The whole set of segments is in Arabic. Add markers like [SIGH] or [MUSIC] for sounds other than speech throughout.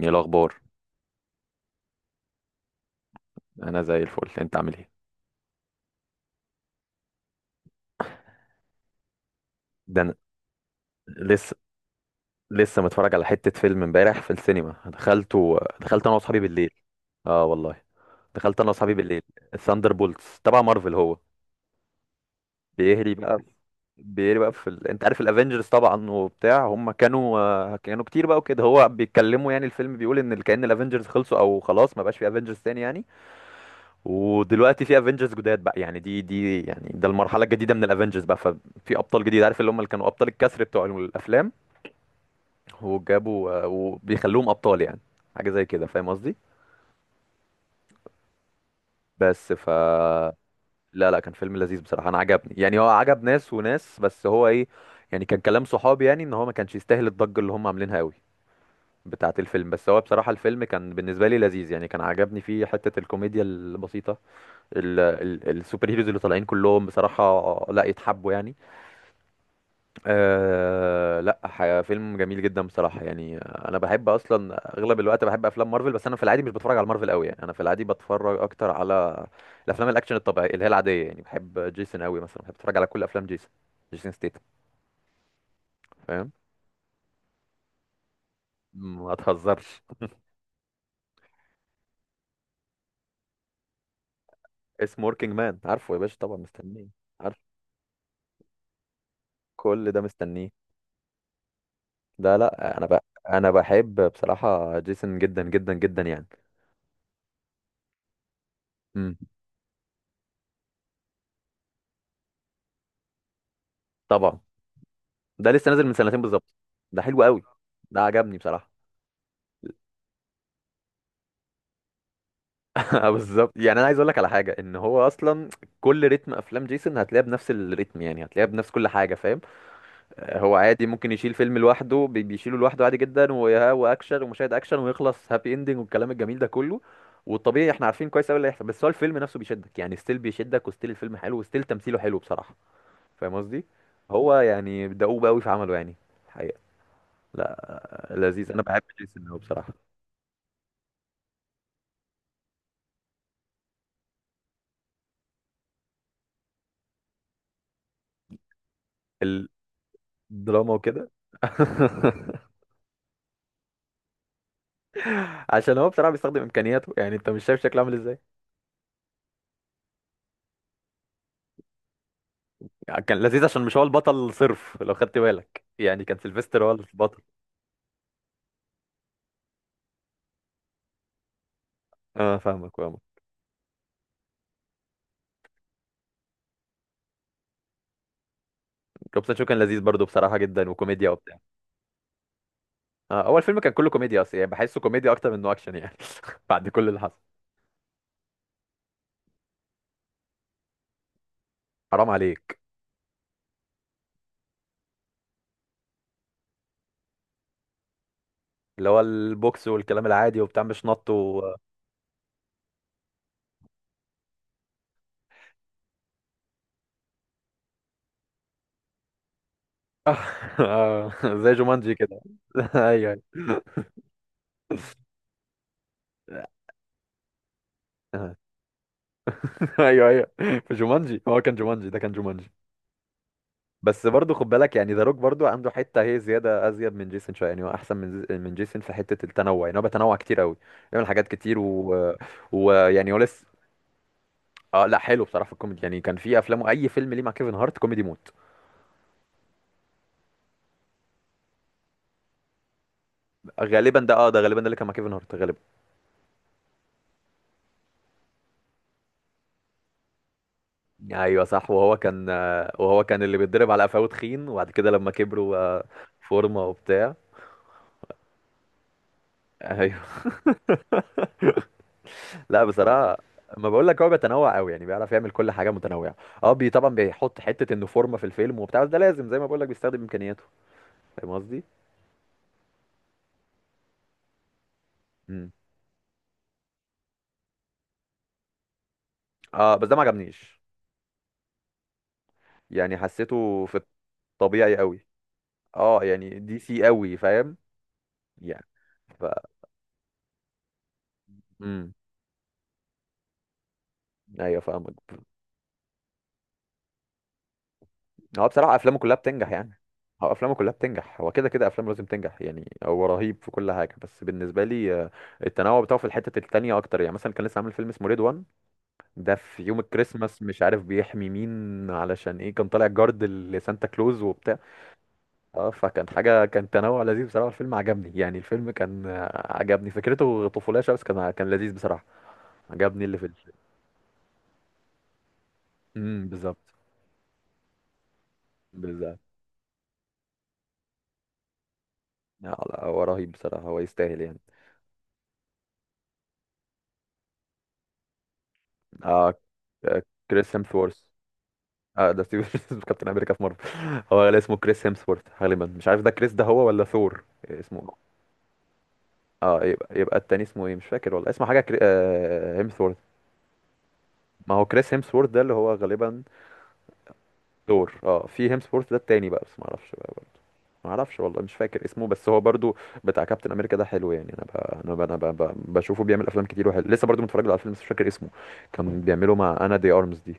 ايه الاخبار؟ انا زي الفل، انت عامل ايه؟ ده انا لسه لسه متفرج على حته فيلم امبارح في السينما، دخلته، دخلت انا واصحابي بالليل. اه والله دخلت انا واصحابي بالليل. الثاندر بولتس تبع مارفل هو. بيهري بقى في- بيهري بقى في انت عارف الافنجرز طبعا وبتاع، هم كانوا كانوا كتير بقى وكده، هو بيتكلموا يعني، الفيلم بيقول ان كأن الافنجرز خلصوا او خلاص ما بقاش في افنجرز تاني يعني. ودلوقتي في افنجرز جداد بقى، يعني دي يعني ده المرحله الجديده من الافنجرز بقى. ففي ابطال جديد، عارف اللي هم اللي كانوا ابطال الكسر بتوع الافلام، وجابوا وبيخلوهم ابطال يعني. حاجه زي كده، فاهم قصدي. بس ف لا لا، كان فيلم لذيذ بصراحه، انا عجبني يعني. هو عجب ناس وناس، بس هو ايه يعني، كان كلام صحابي يعني ان هو ما كانش يستاهل الضجه اللي هم عاملينها قوي بتاعه الفيلم. بس هو بصراحه الفيلم كان بالنسبه لي لذيذ يعني، كان عجبني فيه حته الكوميديا البسيطه. السوبر هيروز اللي طالعين كلهم بصراحه لا يتحبوا يعني. أه لا، فيلم جميل جدا بصراحة يعني. أنا بحب أصلا أغلب الوقت بحب أفلام مارفل، بس أنا في العادي مش بتفرج على مارفل قوي يعني. أنا في العادي بتفرج أكتر على الأفلام الأكشن الطبيعية اللي هي العادية يعني. بحب جيسون قوي مثلا، بحب أتفرج على كل أفلام جيسون. جيسون ستيتم. فاهم؟ ما تهزرش. اسمه وركينج مان، عارفه يا باشا طبعا، مستنيه. عارف. كل ده مستنيه. ده لا، أنا بحب بصراحة جيسون جدا جدا جدا يعني. امم، طبعا. ده لسه نازل من سنتين بالظبط. ده حلو قوي. ده عجبني بصراحة. [LAUGHS] بالظبط. يعني انا عايز اقول لك على حاجه، ان هو اصلا كل رتم افلام جيسون هتلاقيها بنفس الريتم يعني، هتلاقيها بنفس كل حاجه فاهم. هو عادي ممكن يشيل فيلم لوحده، بيشيله لوحده عادي جدا، واكشن ومشاهد اكشن ويخلص هابي اندنج والكلام الجميل ده كله. والطبيعي احنا عارفين كويس قوي اللي هيحصل، بس هو الفيلم نفسه بيشدك يعني. ستيل بيشدك، وستيل الفيلم حلو، وستيل تمثيله حلو بصراحه. فاهم قصدي؟ هو يعني دؤوب قوي في عمله يعني، الحقيقه. لا، لذيذ، انا بحب جيسون قوي بصراحه. الدراما وكده. [LAUGHS] عشان هو بصراحه بيستخدم امكانياته يعني، انت مش شايف شكله عامل ازاي. يعني كان لذيذ عشان مش هو البطل صرف، لو خدت بالك يعني كان سيلفستر هو البطل. اه فاهمك فاهمك. جوبسون شو كان لذيذ برضو بصراحه جدا، وكوميديا وبتاع. آه اول فيلم كان كله كوميديا اصلا يعني، بحسه كوميديا اكتر منه اكشن يعني [LAUGHS] بعد كل اللي حصل. حرام عليك. اللي هو البوكس والكلام العادي وبتاع، مش نط [LAUGHS] آه، زي جومانجي كده. [LAUGHS] ايوه. ايوه. [LAUGHS] ايوه ايوه، في جومانجي هو كان، جومانجي ده كان جومانجي. بس برضه خد بالك يعني ذا روك برضه عنده حته هي زياده، ازيد من جيسون شويه يعني. هو احسن من جيسون في حته التنوع يعني. هو بيتنوع كتير قوي، بيعمل حاجات كتير ويعني هو لسه. اه لا، حلو بصراحه في الكوميدي يعني. كان في افلامه اي فيلم ليه مع كيفن هارت كوميدي موت. غالبا ده، اه ده غالبا ده اللي كان مع كيفن هارت غالبا. ايوه صح، وهو كان وهو كان اللي بيتضرب على قفاه، تخين، وبعد كده لما كبروا فورمه وبتاع. ايوه. لا بصراحه، ما بقول لك هو بيتنوع قوي يعني، بيعرف يعمل كل حاجه متنوعه. اه، بي طبعا بيحط حته انه فورمه في الفيلم وبتاع، بس ده لازم زي ما بقول لك، بيستخدم امكانياته. فاهم قصدي؟ امم. اه بس ده ما عجبنيش، يعني حسيته في الطبيعي قوي. اه، يعني دي سي قوي، فاهم. يعني ف، امم. ايوه فاهمك. هو بصراحه افلامه كلها بتنجح يعني. هو افلامه كلها بتنجح، هو كده كده افلامه لازم تنجح يعني، هو رهيب في كل حاجه. بس بالنسبه لي التنوع بتاعه في الحته التانيه اكتر يعني. مثلا كان لسه عامل فيلم اسمه ريد، ده في يوم الكريسماس مش عارف بيحمي مين علشان ايه، كان طالع جارد لسانتا كلوز وبتاع. اه، فكان حاجة، كان تنوع لذيذ بصراحة، الفيلم عجبني يعني. الفيلم كان عجبني فكرته، طفولية شوية بس كان، كان لذيذ بصراحة، عجبني اللي في الفيلم. امم، بالظبط. بالظبط. لا لا، هو رهيب بصراحة، هو يستاهل يعني. اه. آه، كريس هيمثورث. اه ده ستيف [LAUGHS] كابتن امريكا في مارفل. هو اللي اسمه كريس هيمثورث غالبا، مش عارف ده كريس ده هو ولا ثور اسمه. اه يبقى، يبقى التاني اسمه ايه مش فاكر والله، اسمه حاجه هيمثورث. ما هو كريس هيمسورث ده اللي هو غالبا ثور. اه، في هيمسورث ده التاني بقى بس ما اعرفش بقى برضه. ما اعرفش والله، مش فاكر اسمه، بس هو برضو بتاع كابتن امريكا ده حلو يعني. انا بقى، انا بقى بشوفه بيعمل افلام كتير وحلو. لسه برضو متفرج له على فيلم بس مش فاكر اسمه. كان بيعمله مع انا دي ارمز دي.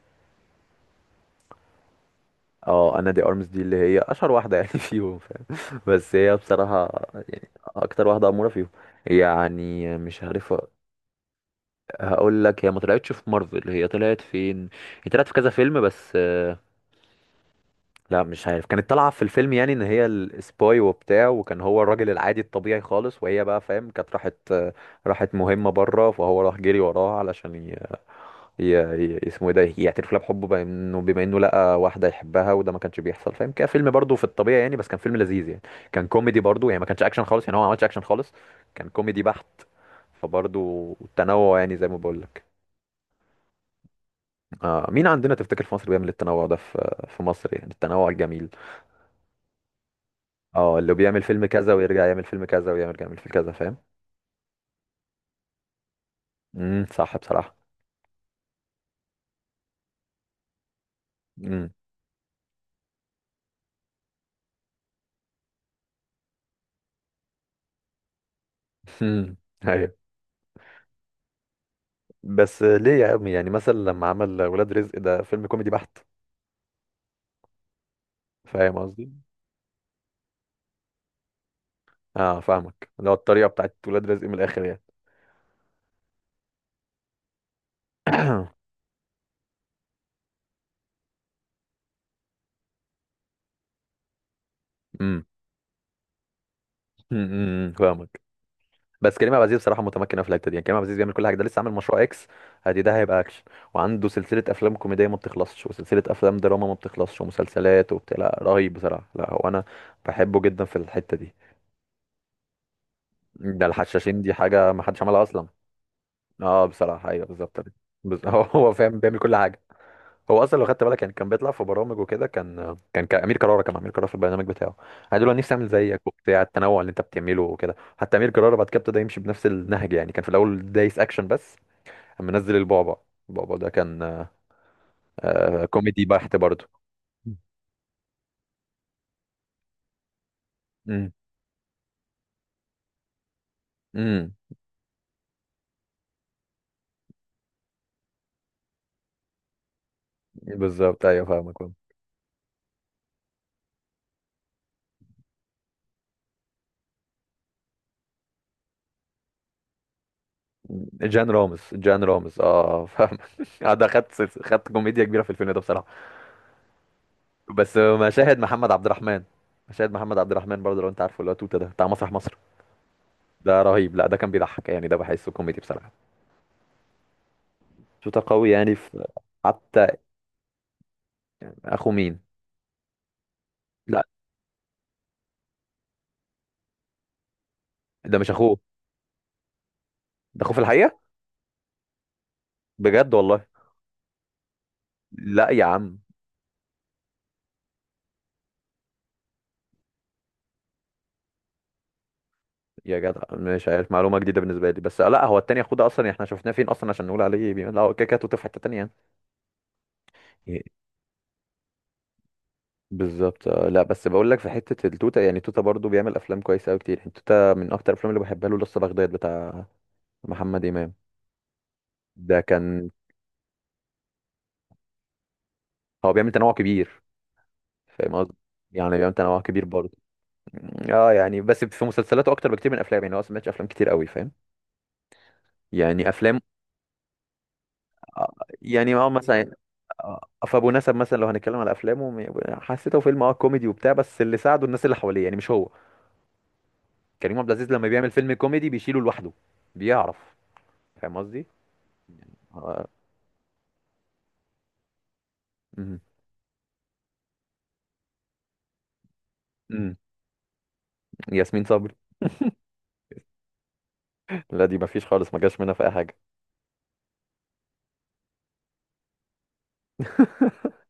اه، انا دي ارمز دي اللي هي اشهر واحده يعني [LAUGHS] فيهم، فاهم. بس هي بصراحه اكتر واحده اموره فيهم يعني، مش عارف. هقول لك، هي ما طلعتش في مارفل، هي طلعت فين؟ هي طلعت في كذا فيلم بس. لا، مش عارف، كانت طالعة في الفيلم يعني ان هي السباي وبتاع، وكان هو الراجل العادي الطبيعي خالص. وهي بقى فاهم، كانت راحت، راحت مهمة بره، فهو راح جري وراها علشان ي... اسمه ايه ده، يعترف لها بحبه، بما انه، بما انه لقى واحدة يحبها وده ما كانش بيحصل فاهم كده. فيلم برضه في الطبيعي يعني، بس كان فيلم لذيذ يعني. كان كوميدي برضه يعني، ما كانش اكشن خالص يعني، هو ما عملش اكشن خالص، كان كوميدي بحت. فبرضه التنوع يعني، زي ما بقول لك. آه، مين عندنا تفتكر في مصر بيعمل التنوع ده في، في مصر يعني، التنوع الجميل؟ اه، اللي بيعمل فيلم كذا ويرجع يعمل فيلم كذا ويرجع يعمل فيلم كذا، فاهم. امم، صح بصراحة. امم. [LAUGHS] ايوه. بس ليه يا عمي، يعني مثلا لما عمل ولاد رزق ده فيلم كوميدي بحت. فاهم قصدي؟ اه فاهمك، اللي هو الطريقة بتاعت ولاد رزق من الاخر يعني. [CLEARS THROAT] امم. [LAUGHS] فاهمك. بس كريم عبد العزيز بصراحة متمكن في الحتة دي يعني. كريم عبد العزيز بيعمل كل حاجة، ده لسه عامل مشروع اكس، ادي ده هيبقى اكشن. وعنده سلسلة افلام كوميدية ما بتخلصش، وسلسلة افلام دراما ما بتخلصش، ومسلسلات وبتاع. لا رهيب بصراحة، لا هو انا بحبه جدا في الحتة دي. ده الحشاشين دي حاجة ما حدش عملها أصلا. اه بصراحة أيوه، بالظبط. [LAUGHS] هو هو فاهم، بيعمل كل حاجة. هو أصلا لو خدت بالك يعني، كان بيطلع في برامج وكده، كان كان أمير كرارة، كان أمير كرارة في البرنامج بتاعه قال له أنا دلوقتي نفسي أعمل زيك وبتاع، التنوع اللي أنت بتعمله وكده. حتى أمير كرارة بعد كده ابتدى يمشي بنفس النهج يعني، كان في الأول دايس أكشن بس. أما نزل البعبع، البعبع ده كان آه، كوميدي بحت برضه. امم. امم. بالظبط. ايوه فاهمك فاهم. جان رامز اه فاهم. [LAUGHS] ده خد، خد كوميديا كبيره في الفيلم ده بصراحه. بس مشاهد محمد عبد الرحمن، مشاهد محمد عبد الرحمن برضه، لو انت عارفه اللي هو توتة ده بتاع مسرح مصر، ده رهيب. لا ده كان بيضحك يعني، ده بحسه كوميدي بصراحة. توتة قوي يعني، في حتى. اخو مين؟ لا ده مش اخوه. ده اخوه في الحقيقة، بجد والله. لا يا عم. يا جدع مش عارف، معلومة جديدة بالنسبة لي. بس لا هو التاني اخوه ده اصلا يعني، احنا شفناه فين اصلا عشان نقول عليه لا هو كده كده توتة في حتة تانية يعني. إيه، بالظبط. لا بس بقول لك في حتة التوتة يعني. توتة برضه بيعمل افلام كويسة قوي كتير. توتة من اكتر الافلام اللي بحبها له لسه بغداد بتاع. محمد امام ده كان، هو بيعمل تنوع كبير، فاهم قصدي. يعني بيعمل تنوع كبير برضه، اه، يعني بس في مسلسلاته اكتر بكتير من افلام يعني. هو أصلاً ما سمعتش افلام كتير قوي، فاهم، يعني افلام. آه، يعني اه مثلا آه، فابو نسب مثلا، لو هنتكلم على افلامه، حسيته فيلم اه كوميدي وبتاع، بس اللي ساعده الناس اللي حواليه يعني مش هو. كريم عبد العزيز لما بيعمل فيلم كوميدي بيشيله لوحده، بيعرف. فاهم قصدي؟ آه، مم. مم. ياسمين صبري، لا دي مفيش خالص، ما جاش منها في اي حاجه. [LAUGHS]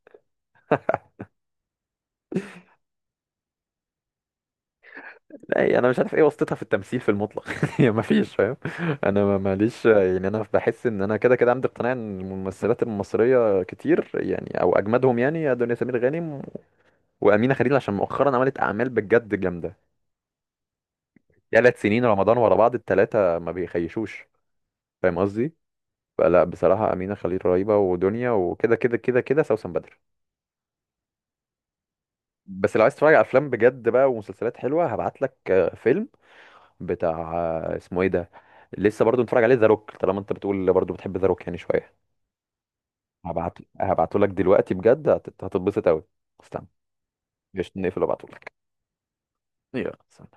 لا يعني انا مش عارف ايه واسطتها في التمثيل في المطلق. [LAUGHS] هي ما فيش، فاهم. انا ماليش يعني، انا بحس ان انا كده كده عندي اقتناع ان الممثلات المصريه كتير يعني، او اجمدهم يعني دنيا سمير غانم وامينه خليل، عشان مؤخرا عملت اعمال بجد جامده، 3 سنين رمضان ورا بعض الثلاثه ما بيخيشوش. فاهم قصدي؟ فلا بصراحه امينه خليل رهيبه، ودنيا، وكده كده كده كده سوسن بدر. بس لو عايز تتفرج على افلام بجد بقى ومسلسلات حلوه هبعت لك. فيلم، بتاع، اسمه ايه ده، لسه برضو بنتفرج عليه، ذا روك، طالما انت بتقول برضو بتحب ذا روك يعني شويه. هبعت، هبعته لك دلوقتي بجد، هتتبسط قوي. استنى. مش نقفل وابعته لك. يلا سلام.